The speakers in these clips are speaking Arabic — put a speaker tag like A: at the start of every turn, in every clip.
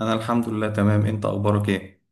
A: انا الحمد لله تمام. انت اخبارك ايه؟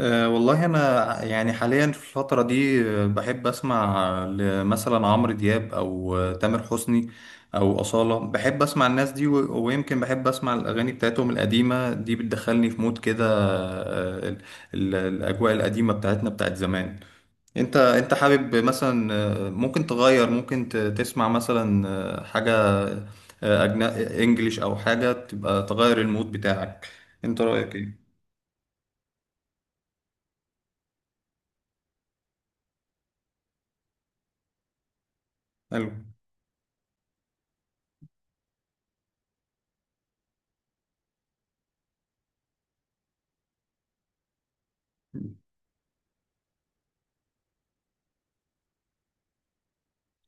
A: أه والله، انا يعني حاليا في الفتره دي، بحب اسمع مثلا عمرو دياب او تامر حسني او اصاله. بحب اسمع الناس دي، ويمكن بحب اسمع الاغاني بتاعتهم القديمه دي، بتدخلني في مود كده. الاجواء القديمه بتاعتنا، بتاعت زمان. انت حابب مثلا، ممكن تغير، ممكن تسمع مثلا حاجه، انجليش، او حاجه تبقى تغير المود بتاعك؟ انت رايك ايه؟ حلو،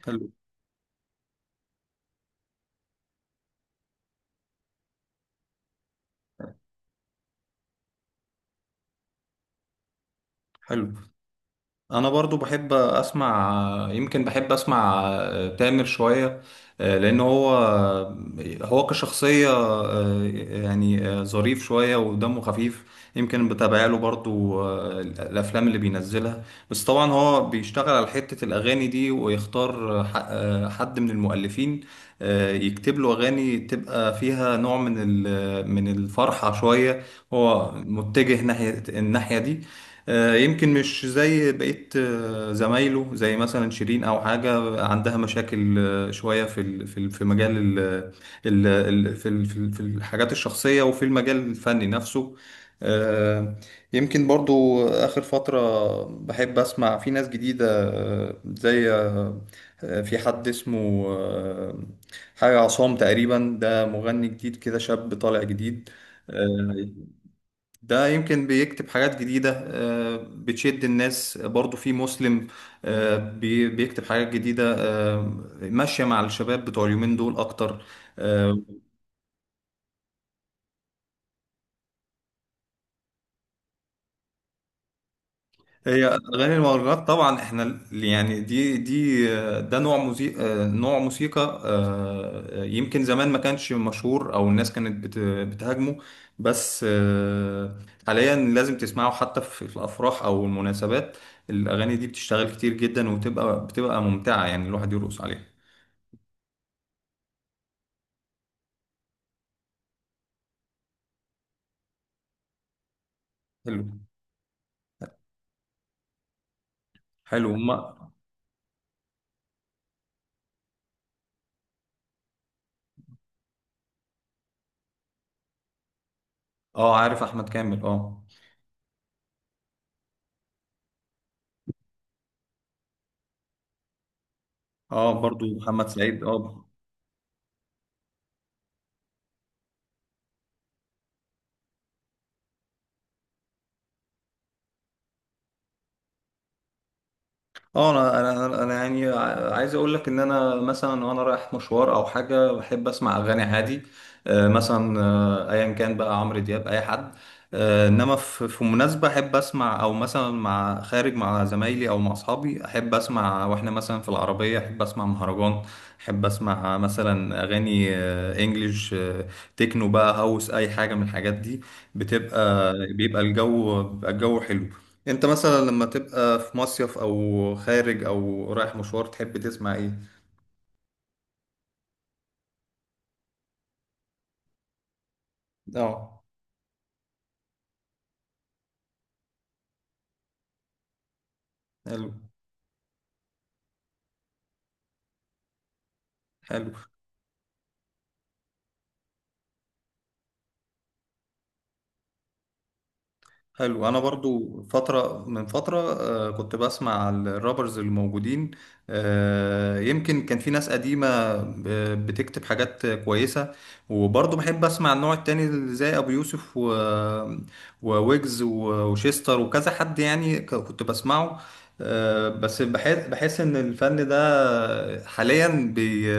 A: حلو، حلو. انا برضو بحب اسمع، يمكن بحب اسمع تامر شوية، لان هو كشخصية، يعني ظريف شوية ودمه خفيف. يمكن بتابع له برضو الافلام اللي بينزلها. بس طبعا هو بيشتغل على حتة الاغاني دي، ويختار حد من المؤلفين، يكتب له اغاني تبقى فيها نوع من الفرحة شوية. هو متجه ناحية الناحية دي. يمكن مش زي بقية زمايله، زي مثلا شيرين، أو حاجة عندها مشاكل شوية في مجال ال ال ال في الحاجات الشخصية، وفي المجال الفني نفسه. آه، يمكن برضو آخر فترة بحب أسمع في ناس جديدة، آه، زي آه، آه، في حد اسمه حاجة عصام تقريبا، ده مغني جديد كده، شاب طالع جديد. آه، ده يمكن بيكتب حاجات جديدة بتشد الناس، برضو في مسلم بيكتب حاجات جديدة، ماشية مع الشباب بتوع اليومين دول أكتر. آه، هي اغاني المهرجانات طبعا. احنا يعني دي، ده نوع موسيقى يمكن زمان ما كانش مشهور، او الناس كانت بتهاجمه. بس حاليا لازم تسمعه، حتى في الافراح او المناسبات. الاغاني دي بتشتغل كتير جدا، بتبقى ممتعة، يعني الواحد يرقص عليها. حلو، حلو، ما اه، عارف احمد كامل، اه. اه، برضو محمد سعيد، اه. اه، انا انا انا أنا يعني عايز اقول لك ان انا مثلا، وانا رايح مشوار او حاجه، بحب اسمع اغاني عادي، مثلا ايا كان، بقى عمرو دياب، اي حد، انما في مناسبه احب اسمع، او مثلا مع خارج، مع زمايلي او مع اصحابي احب اسمع. واحنا مثلا في العربيه احب اسمع مهرجان، احب اسمع مثلا اغاني انجليش، تكنو بقى، هاوس، اي حاجه من الحاجات دي، بتبقى بيبقى الجو بيبقى الجو حلو. انت مثلا لما تبقى في مصيف او خارج او رايح مشوار، تحب تسمع ايه؟ اه. حلو، حلو، حلو. انا برضو فترة من فترة، كنت بسمع الرابرز الموجودين. يمكن كان في ناس قديمة بتكتب حاجات كويسة. وبرضو بحب اسمع النوع التاني، زي ابو يوسف وويجز وشيستر وكذا حد، يعني كنت بسمعه. بس بحس ان الفن ده حاليا، بي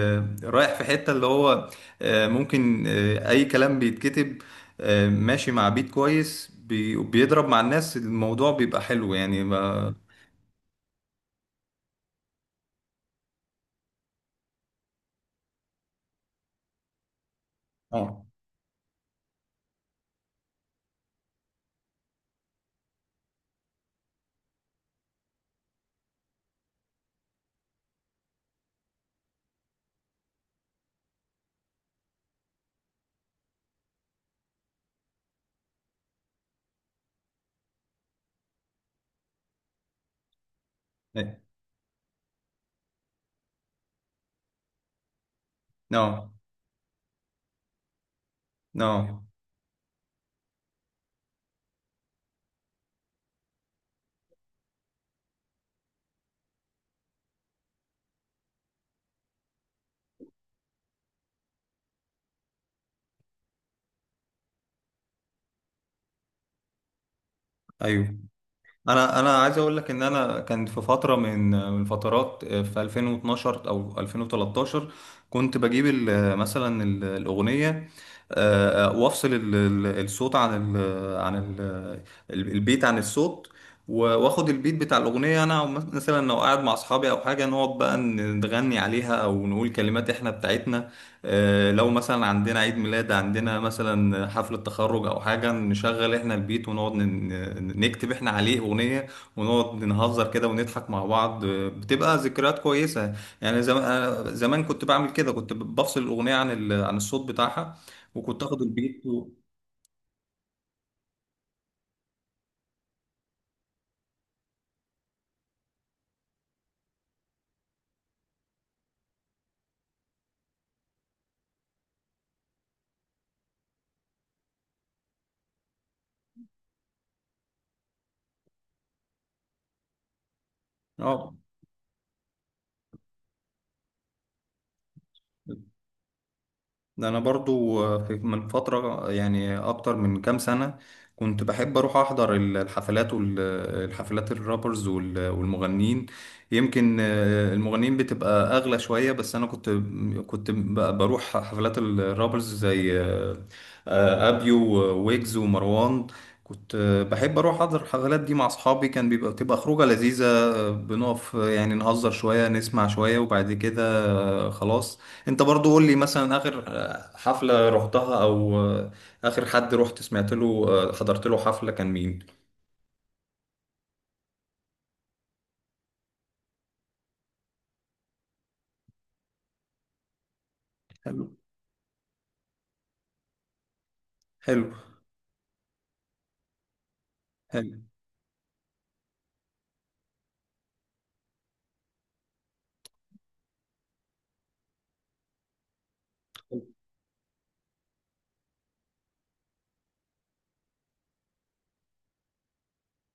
A: رايح في حتة، اللي هو ممكن اي كلام بيتكتب، ماشي مع بيت كويس، بيضرب مع الناس، الموضوع بيبقى حلو يعني اه، اه، اه، ايوه. انا عايز اقول لك ان انا كان في فتره، من فترات في 2012 او 2013، كنت بجيب مثلا الاغنيه، وافصل الصوت عن عن ال البيت عن الصوت. واخد البيت بتاع الاغنيه انا، مثلا لو قاعد مع اصحابي او حاجه، نقعد بقى نغني عليها، او نقول كلمات احنا بتاعتنا. لو مثلا عندنا عيد ميلاد، عندنا مثلا حفلة تخرج أو حاجة، نشغل إحنا البيت، ونقعد نكتب إحنا عليه أغنية، ونقعد نهزر كده ونضحك مع بعض، بتبقى ذكريات كويسة. يعني أنا زمان كنت بعمل كده، كنت بفصل الأغنية عن الصوت بتاعها، وكنت آخد البيت آه. ده انا برضو، من فترة يعني، اكتر من كام سنة كنت بحب اروح احضر الحفلات، والحفلات الرابرز والمغنيين. يمكن المغنيين بتبقى اغلى شوية، بس انا كنت، بروح حفلات الرابرز، زي ابيو وويجز ومروان. كنت بحب اروح احضر الحفلات دي مع اصحابي، كان بتبقى خروجة لذيذة، بنقف، يعني نهزر شوية، نسمع شوية، وبعد كده خلاص. انت برضو قول لي، مثلا اخر حفلة رحتها، او اخر حد رحت سمعت له حضرت له حفلة، كان مين؟ حلو، حلو، حلو.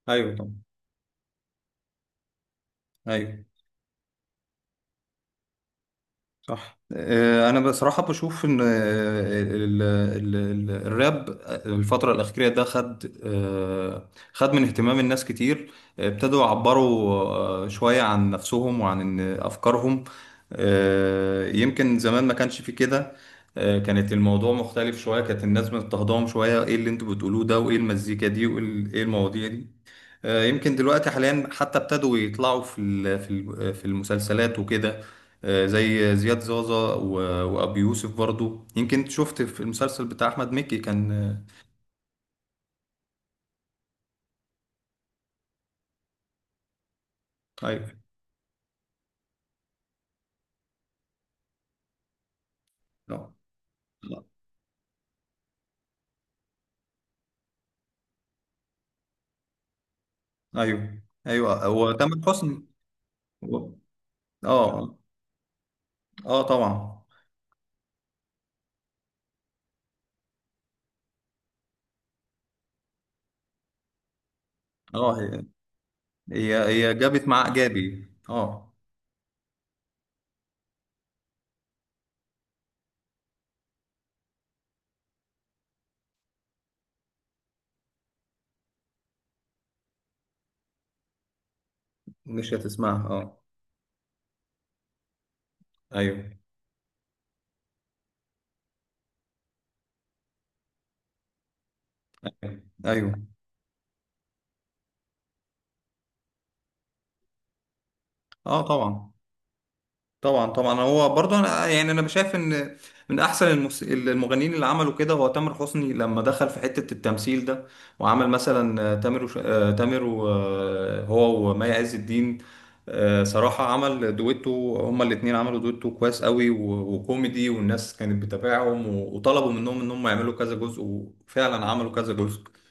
A: ايوه طبعا. ايوه صح. انا بصراحه بشوف ان الراب الفتره الاخيره ده خد من اهتمام الناس كتير. ابتدوا يعبروا شويه عن نفسهم، وعن إن افكارهم. يمكن زمان ما كانش في كده، كانت الموضوع مختلف شويه، كانت الناس مضطهداهم شويه، ايه اللي انتوا بتقولوه ده، وايه المزيكا دي، وايه إيه المواضيع دي؟ يمكن دلوقتي حاليا، حتى ابتدوا يطلعوا في المسلسلات وكده، زي زياد زازا وأبو يوسف. برضو يمكن شفت في المسلسل بتاع أحمد مكي، كان أيوه. آه، أيوه، أيوه. هو تامر حسني. هو- أه. أه طبعا. أه. هي جابت مع إيجابي، أه. مش هتسمعها، أه. أيوه، أيوه. أه طبعا، طبعا، طبعا. هو برضه انا يعني، انا شايف ان من احسن المغنيين اللي عملوا كده هو تامر حسني، لما دخل في حتة التمثيل ده، وعمل مثلا تامر وش... آه، تامر و... آه، هو ومي عز الدين. صراحة عمل دويتو، هما الاتنين عملوا دويتو كويس قوي وكوميدي، والناس كانت بتتابعهم، وطلبوا منهم ان هم يعملوا كذا جزء، وفعلا عملوا كذا جزء.